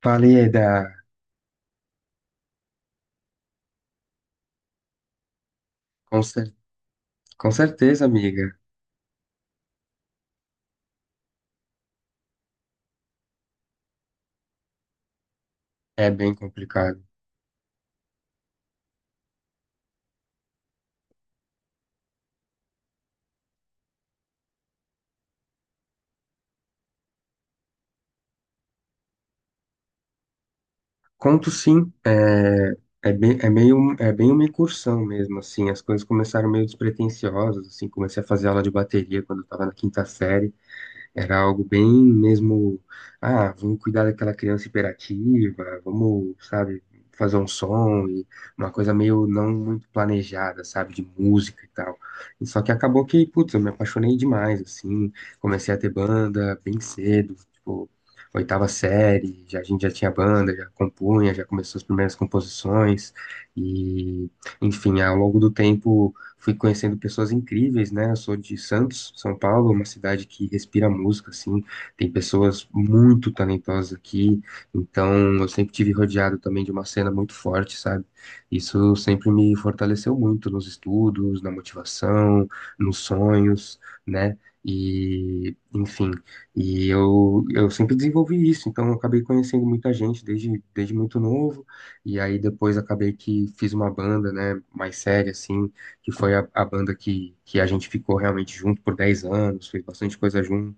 Falei da... Com cer- com certeza, amiga. É bem complicado. Conto sim, é bem, é meio, é bem uma incursão mesmo, assim. As coisas começaram meio despretensiosas, assim. Comecei a fazer aula de bateria quando eu tava na quinta série. Era algo bem mesmo, ah, vamos cuidar daquela criança hiperativa, vamos, sabe, fazer um som e uma coisa meio não muito planejada, sabe, de música e tal. E só que acabou que, putz, eu me apaixonei demais, assim, comecei a ter banda bem cedo, tipo, oitava série, já, a gente já tinha banda, já compunha, já começou as primeiras composições e, enfim, ao longo do tempo fui conhecendo pessoas incríveis, né? Eu sou de Santos, São Paulo, uma cidade que respira música, assim, tem pessoas muito talentosas aqui, então eu sempre tive rodeado também de uma cena muito forte, sabe? Isso sempre me fortaleceu muito nos estudos, na motivação, nos sonhos, né? E, enfim, eu sempre desenvolvi isso, então eu acabei conhecendo muita gente desde, desde muito novo, e aí depois acabei que fiz uma banda, né, mais séria, assim, que foi a banda que a gente ficou realmente junto por 10 anos, fez bastante coisa junto.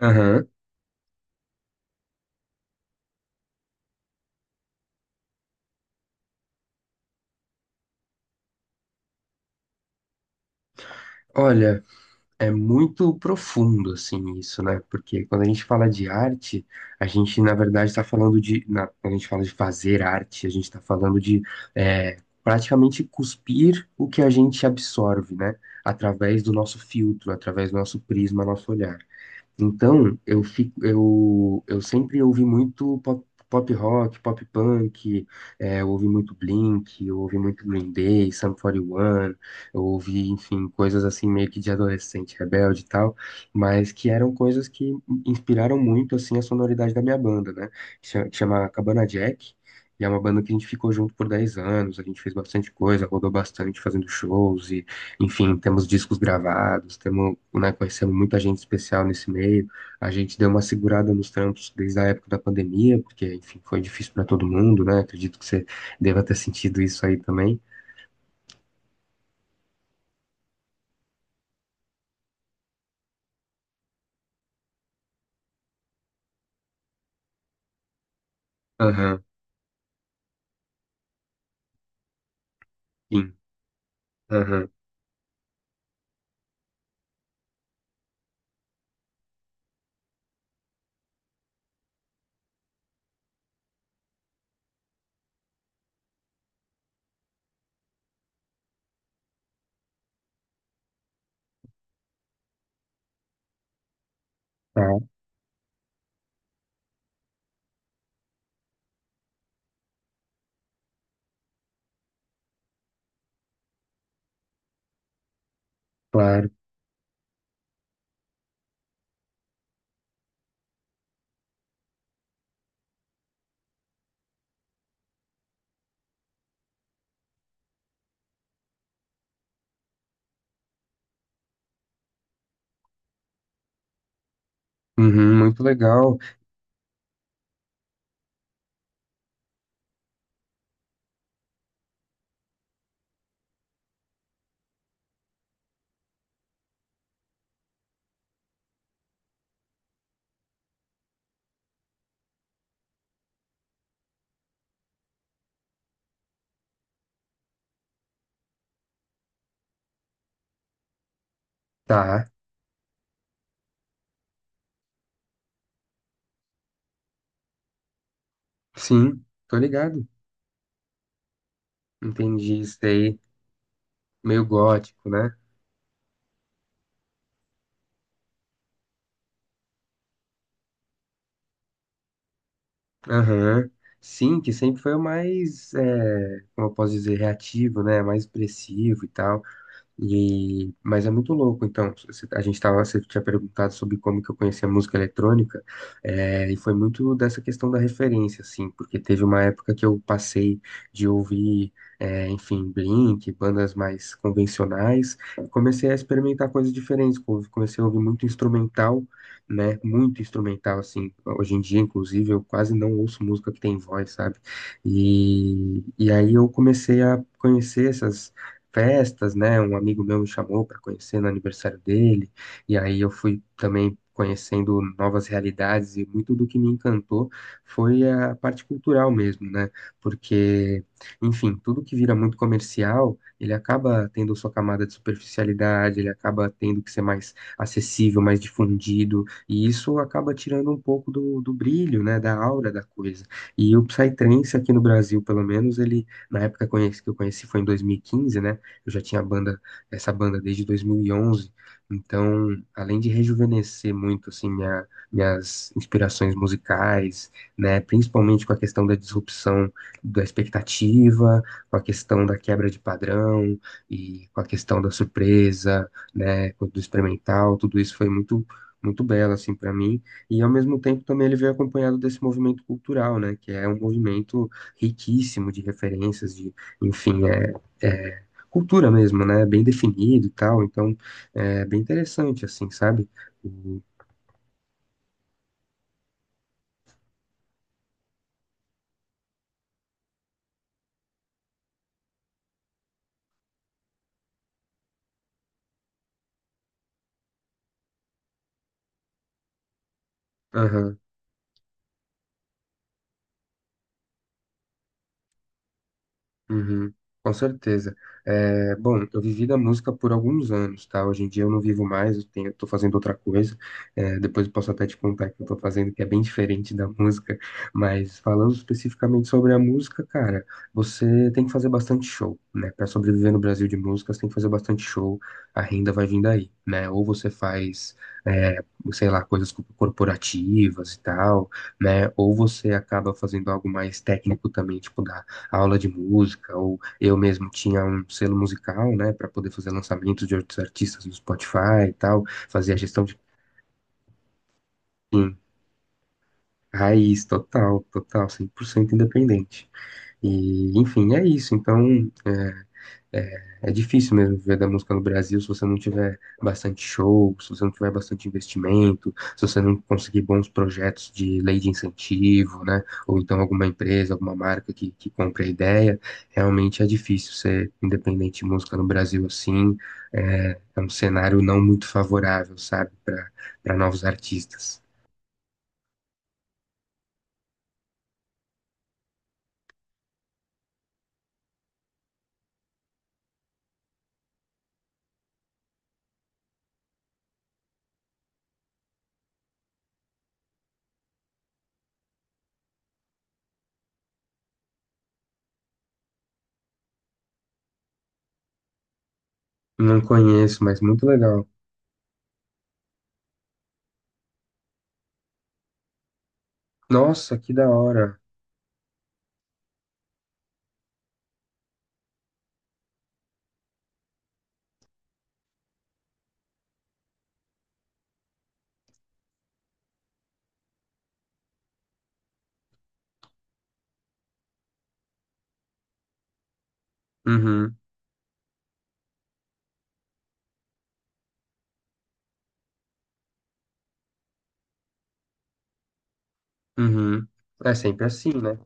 Aham. Olha, é muito profundo assim isso, né? Porque quando a gente fala de arte, a gente na verdade está falando de, na- quando a gente fala de fazer arte, a gente está falando de é, praticamente cuspir o que a gente absorve, né? Através do nosso filtro, através do nosso prisma, nosso olhar. Então, eu fico, eu sempre ouvi muito pop, pop rock, pop punk, eu ouvi muito Blink, eu ouvi muito Green Day, Sum 41, eu ouvi, enfim, coisas assim meio que de adolescente rebelde e tal, mas que eram coisas que inspiraram muito, assim, a sonoridade da minha banda, né? Que chama Cabana Jack, e é uma banda que a gente ficou junto por 10 anos, a gente fez bastante coisa, rodou bastante fazendo shows enfim, temos discos gravados, temos, né, conhecemos muita gente especial nesse meio. A gente deu uma segurada nos trampos desde a época da pandemia, porque, enfim, foi difícil para todo mundo, né? Acredito que você deva ter sentido isso aí também. Aham, sim. Aham, tá, claro. Uhum, muito legal. Tá, sim, tô ligado. Entendi isso aí. Meio gótico, né? Aham. Sim, que sempre foi o mais, é, como eu posso dizer, reativo, né? Mais expressivo e tal. E, mas é muito louco, então, você- a gente tava, você tinha perguntado sobre como que eu conheci a música eletrônica, e foi muito dessa questão da referência, assim, porque teve uma época que eu passei de ouvir, enfim, Blink, bandas mais convencionais, e comecei a experimentar coisas diferentes, comecei a ouvir muito instrumental, né, muito instrumental, assim, hoje em dia, inclusive, eu quase não ouço música que tem voz, sabe, e aí eu comecei a conhecer essas festas, né? Um amigo meu me chamou para conhecer no aniversário dele, e aí eu fui também conhecendo novas realidades, e muito do que me encantou foi a parte cultural mesmo, né? Porque, enfim, tudo que vira muito comercial, ele acaba tendo sua camada de superficialidade, ele acaba tendo que ser mais acessível, mais difundido, e isso acaba tirando um pouco do brilho, né? Da aura da coisa. E o Psytrance aqui no Brasil, pelo menos, ele na época que eu conheci foi em 2015, né? Eu já tinha a banda, essa banda desde 2011, então, além de rejuvenescer muito assim minha, minhas inspirações musicais, né, principalmente com a questão da disrupção da expectativa, com a questão da quebra de padrão e com a questão da surpresa, né, do experimental, tudo isso foi muito muito belo assim para mim e ao mesmo tempo também ele veio acompanhado desse movimento cultural né que é um movimento riquíssimo de referências de enfim é cultura mesmo, né? Bem definido e tal, então é bem interessante, assim, sabe? O- Aham. Uhum, com certeza. É, bom, eu vivi da música por alguns anos, tá? Hoje em dia eu não vivo mais, eu tenho, tô fazendo outra coisa. É, depois eu posso até te contar o que eu tô fazendo, que é bem diferente da música. Mas falando especificamente sobre a música, cara, você tem que fazer bastante show, né? Para sobreviver no Brasil de música, você tem que fazer bastante show, a renda vai vindo aí, né? Ou você faz, é, sei lá, coisas corporativas e tal, né? Ou você acaba fazendo algo mais técnico também, tipo da aula de música, ou eu mesmo tinha um selo musical, né, para poder fazer lançamentos de outros artistas no Spotify e tal, fazer a gestão de plugin raiz, total, total, 100% independente. E, enfim, é isso. Então, é, É é difícil mesmo viver da música no Brasil se você não tiver bastante show, se você não tiver bastante investimento, se você não conseguir bons projetos de lei de incentivo, né? Ou então alguma empresa, alguma marca que compre a ideia. Realmente é difícil ser independente de música no Brasil assim. É, é um cenário não muito favorável, sabe, para para novos artistas. Não conheço, mas muito legal. Nossa, que da hora. Uhum, uhum. É sempre assim, né?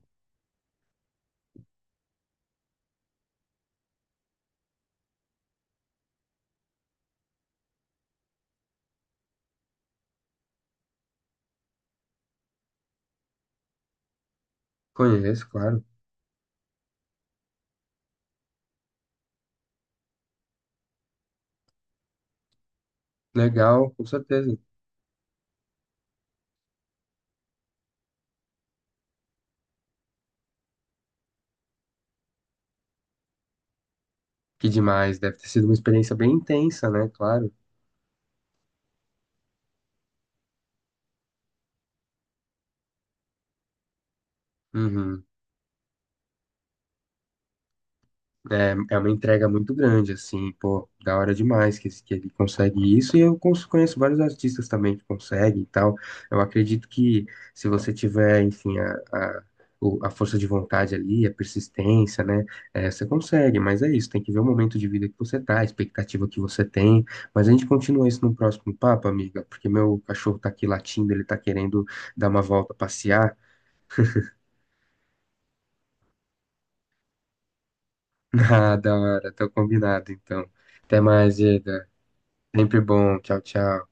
Conheço, claro. Legal, com certeza. Que demais, deve ter sido uma experiência bem intensa, né? Claro. Uhum. É, é uma entrega muito grande, assim, pô, da hora demais que, que ele consegue isso, e eu conheço vários artistas também que conseguem e tal. Eu acredito que se você tiver, enfim, a força de vontade ali, a persistência, né, você consegue, mas é isso, tem que ver o momento de vida que você tá, a expectativa que você tem, mas a gente continua isso no próximo papo, amiga, porque meu cachorro tá aqui latindo, ele tá querendo dar uma volta, passear. Ah, da hora, tá combinado, então. Até mais, Diego. Sempre bom. Tchau, tchau.